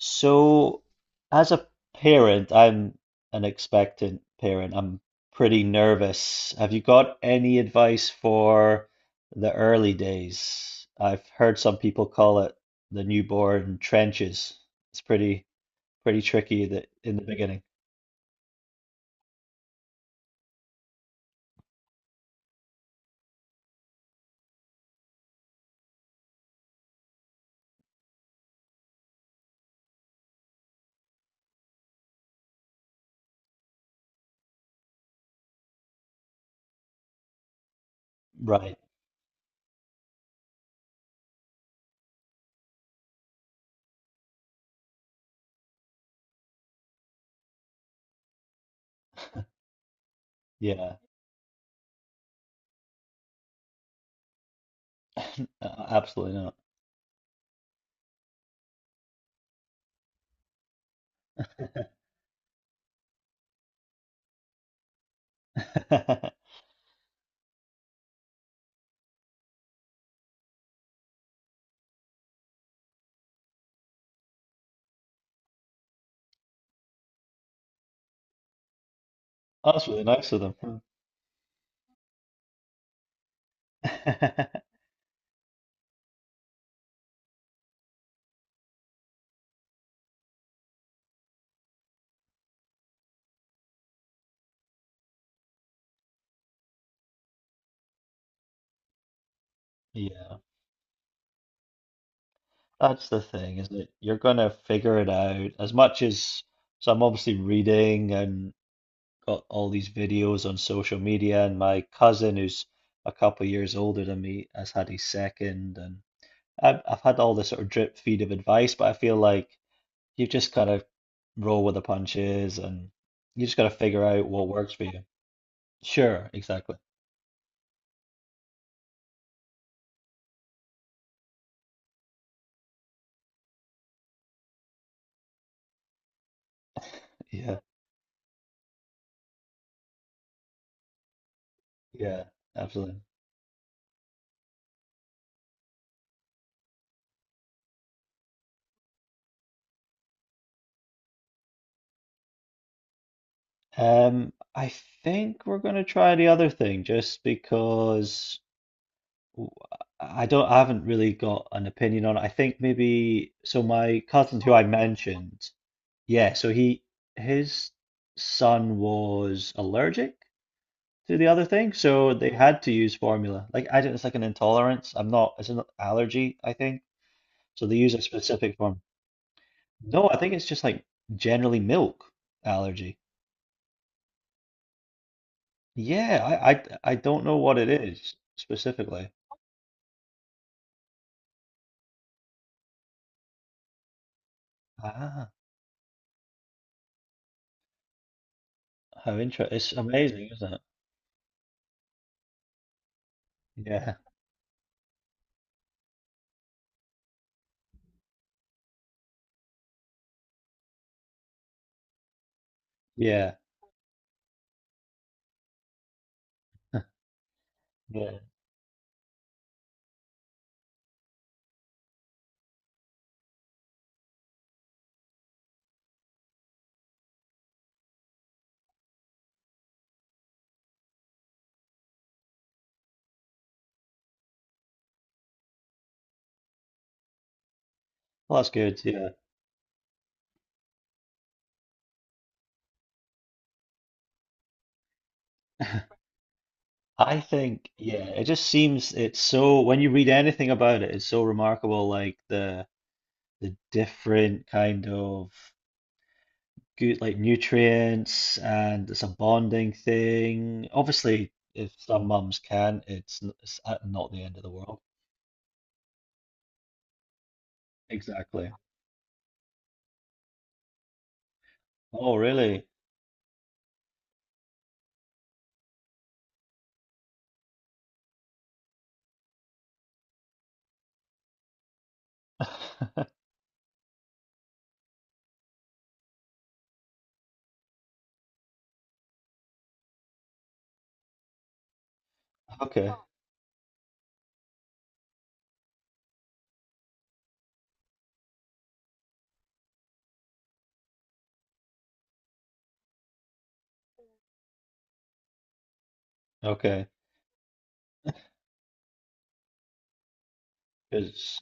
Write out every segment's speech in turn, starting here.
So, as a parent, I'm an expectant parent. I'm pretty nervous. Have you got any advice for the early days? I've heard some people call it the newborn trenches. It's pretty tricky that in the beginning. Right. Yeah. Absolutely not. That's really nice of them. Yeah. That's the thing, isn't it? You're gonna figure it out as much as so I'm obviously reading and got all these videos on social media and my cousin who's a couple of years older than me has had his second and I've had all this sort of drip feed of advice, but I feel like you just gotta roll with the punches and you just gotta figure out what works for you. Sure, exactly. Yeah, yeah, absolutely. I think we're gonna try the other thing just because w- I don't, I haven't really got an opinion on it. I think maybe, so my cousin who I mentioned, yeah, so he, his son was allergic to the other thing, so they had to use formula. Like, I don't, it's like an intolerance. I'm not, it's an allergy, I think. So they use a specific form. No, I think it's just like generally milk allergy. Yeah, I don't know what it is specifically. Ah, how interesting. It's amazing, isn't it? Yeah, yeah. Yeah. Well, that's good. Yeah. I think, yeah, it just seems it's so, when you read anything about it, it's so remarkable, like the different kind of good, like nutrients, and it's a bonding thing. Obviously, if some mums can't, it's, it's not the end of the world. Exactly. Oh, really? Okay. Okay. Because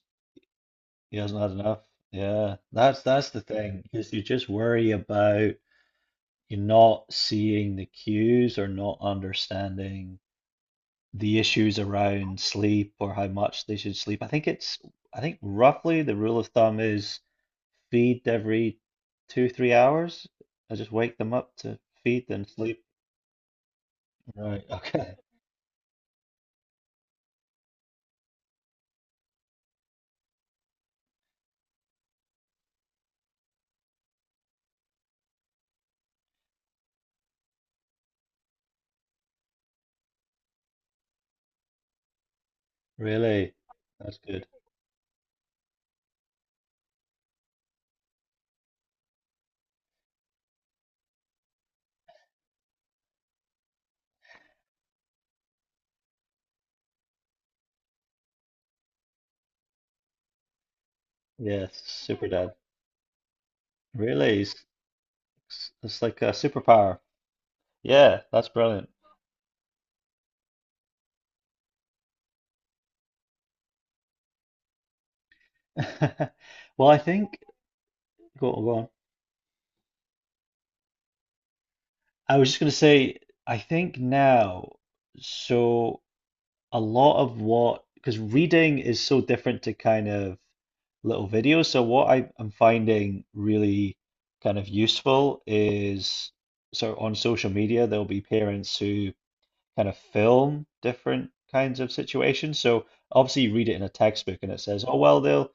he hasn't had enough. Yeah. That's the thing, because you just worry about. You're not seeing the cues or not understanding the issues around sleep or how much they should sleep. I think roughly the rule of thumb is feed every two, 3 hours. I just wake them up to feed them sleep. Right. Okay. Really? That's good. Yes. Super dad. Really? It's like a superpower. Yeah. That's brilliant. Well, I think, go on. I was just going to say, I think now, so a lot of what, because reading is so different to kind of little videos. So what I, I'm finding really kind of useful is so on social media, there'll be parents who kind of film different kinds of situations. So obviously you read it in a textbook and it says, oh, well, they'll,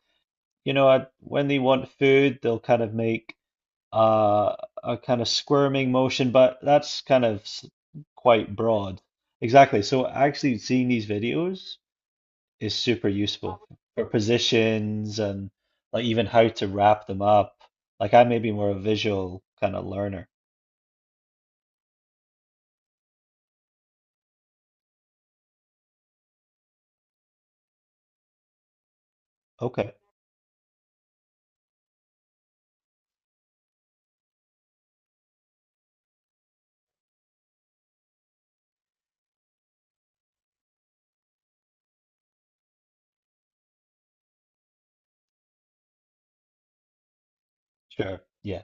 you know, I, when they want food, they'll kind of make uh, a kind of squirming motion, but that's quite broad. Exactly. So actually seeing these videos is super useful for positions and like even how to wrap them up. Like I may be more a visual kind of learner. Okay, sure. Yeah.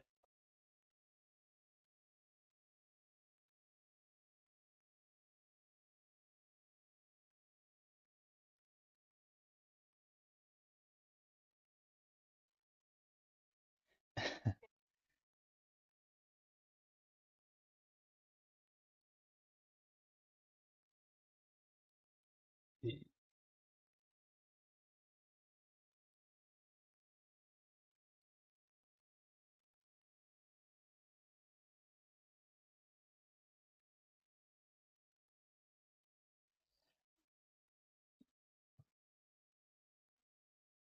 Y-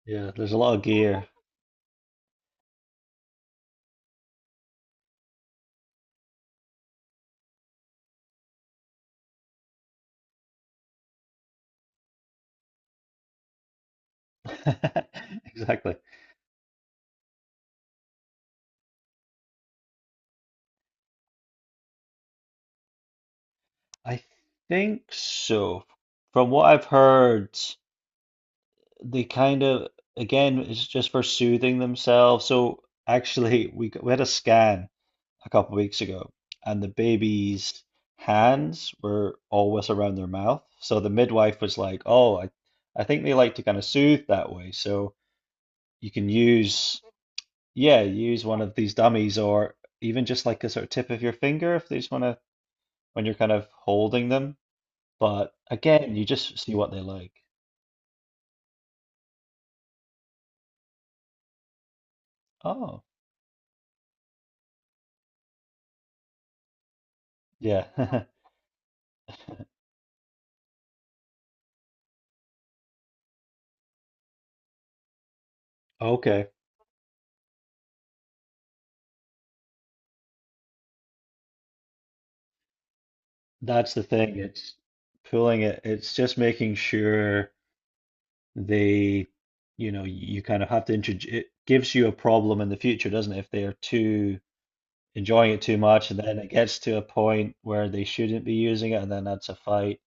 Yeah, there's a lot of gear. Exactly. I think so. From what I've heard, they kind of again it's just for soothing themselves. So actually, we had a scan a couple of weeks ago, and the baby's hands were always around their mouth. So the midwife was like, "Oh, I think they like to kind of soothe that way. So you can use yeah, use one of these dummies or even just like a sort of tip of your finger if they just want to when you're kind of holding them. But again, you just see what they like. Oh, yeah. Okay. That's the thing. It's pulling it. It's just making sure they, you know, you kind of have to introduce. It gives you a problem in the future, doesn't it? If they are too enjoying it too much, and then it gets to a point where they shouldn't be using it, and then that's a fight.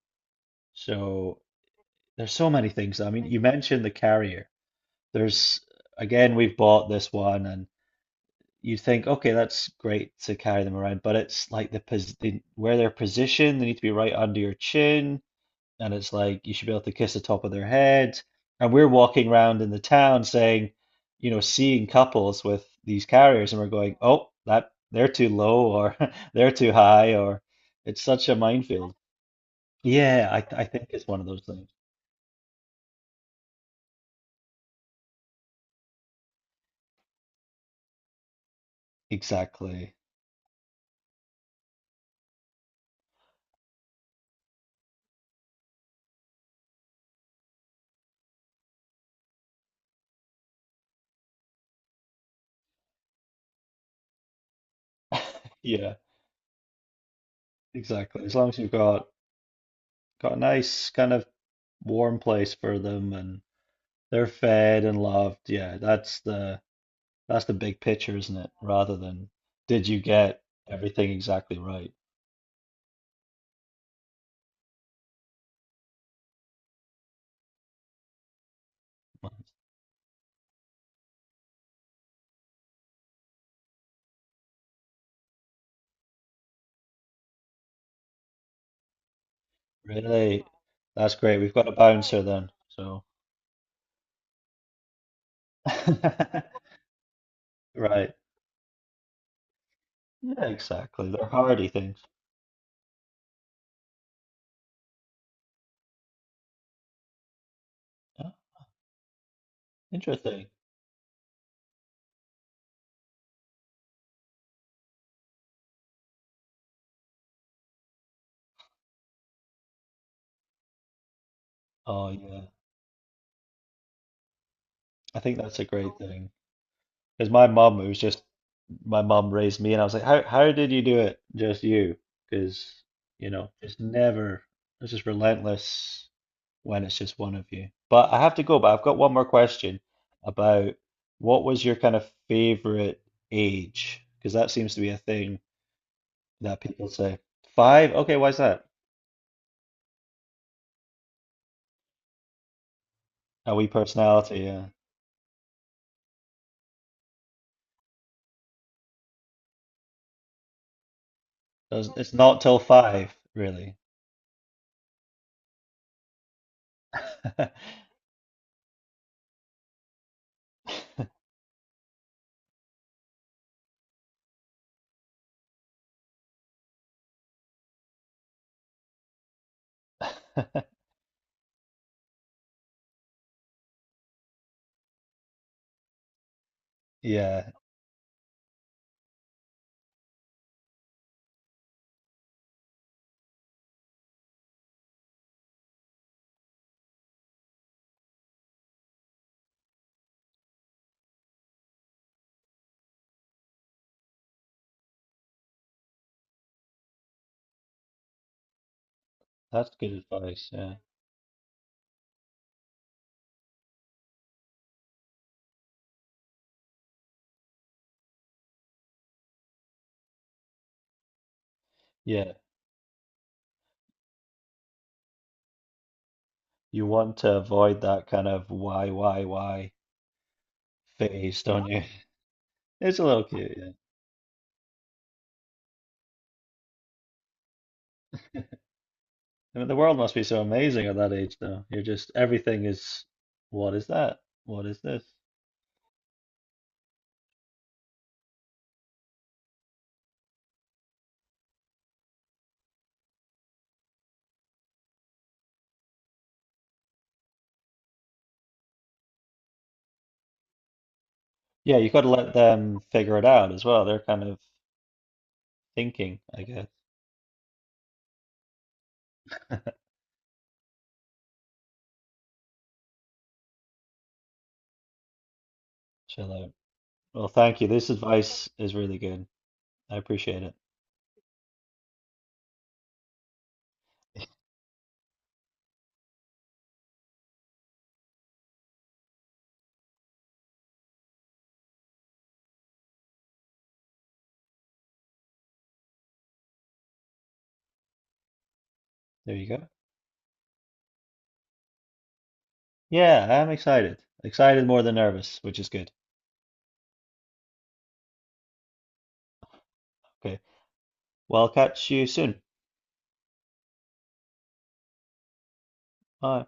So there's so many things. I mean, you mentioned the carrier. There's again, we've bought this one, and you think, okay, that's great to carry them around, but it's like where they're positioned. They need to be right under your chin and it's like you should be able to kiss the top of their head. And we're walking around in the town saying, you know, seeing couples with these carriers, and we're going, oh, that they're too low or they're too high, or it's such a minefield. Yeah, I think it's one of those things. Exactly. Yeah, exactly. As long as you've got a nice kind of warm place for them and they're fed and loved, yeah, that's the big picture, isn't it? Rather than did you get everything exactly right? Really? That's great. We've got a bouncer then. So, right. Yeah, exactly. They're hardy things. Yeah. Interesting. Oh, yeah. I think that's a great thing. Because my mum, it was just my mum raised me, and I was like, how did you do it? Just you. Because, you know, it's never, it's just relentless when it's just one of you. But I have to go, but I've got one more question about what was your kind of favorite age? Because that seems to be a thing. That people say. Five? Okay, why is that? A wee personality, yeah. Does it's not till five, really. Yeah, that's good advice. Yeah. Yeah. You want to avoid that kind of why phase, don't you? It's a little cute, yeah. I mean, the world must be so amazing at that age, though. You're just, everything is, what is that? What is this? Yeah, you've got to let them figure it out as well. They're kind of thinking, I guess. Chill out. Well, thank you. This advice is really good. I appreciate it. There you go. Yeah, I'm excited. Excited more than nervous, which is good. Okay. Well, I'll catch you soon. Bye.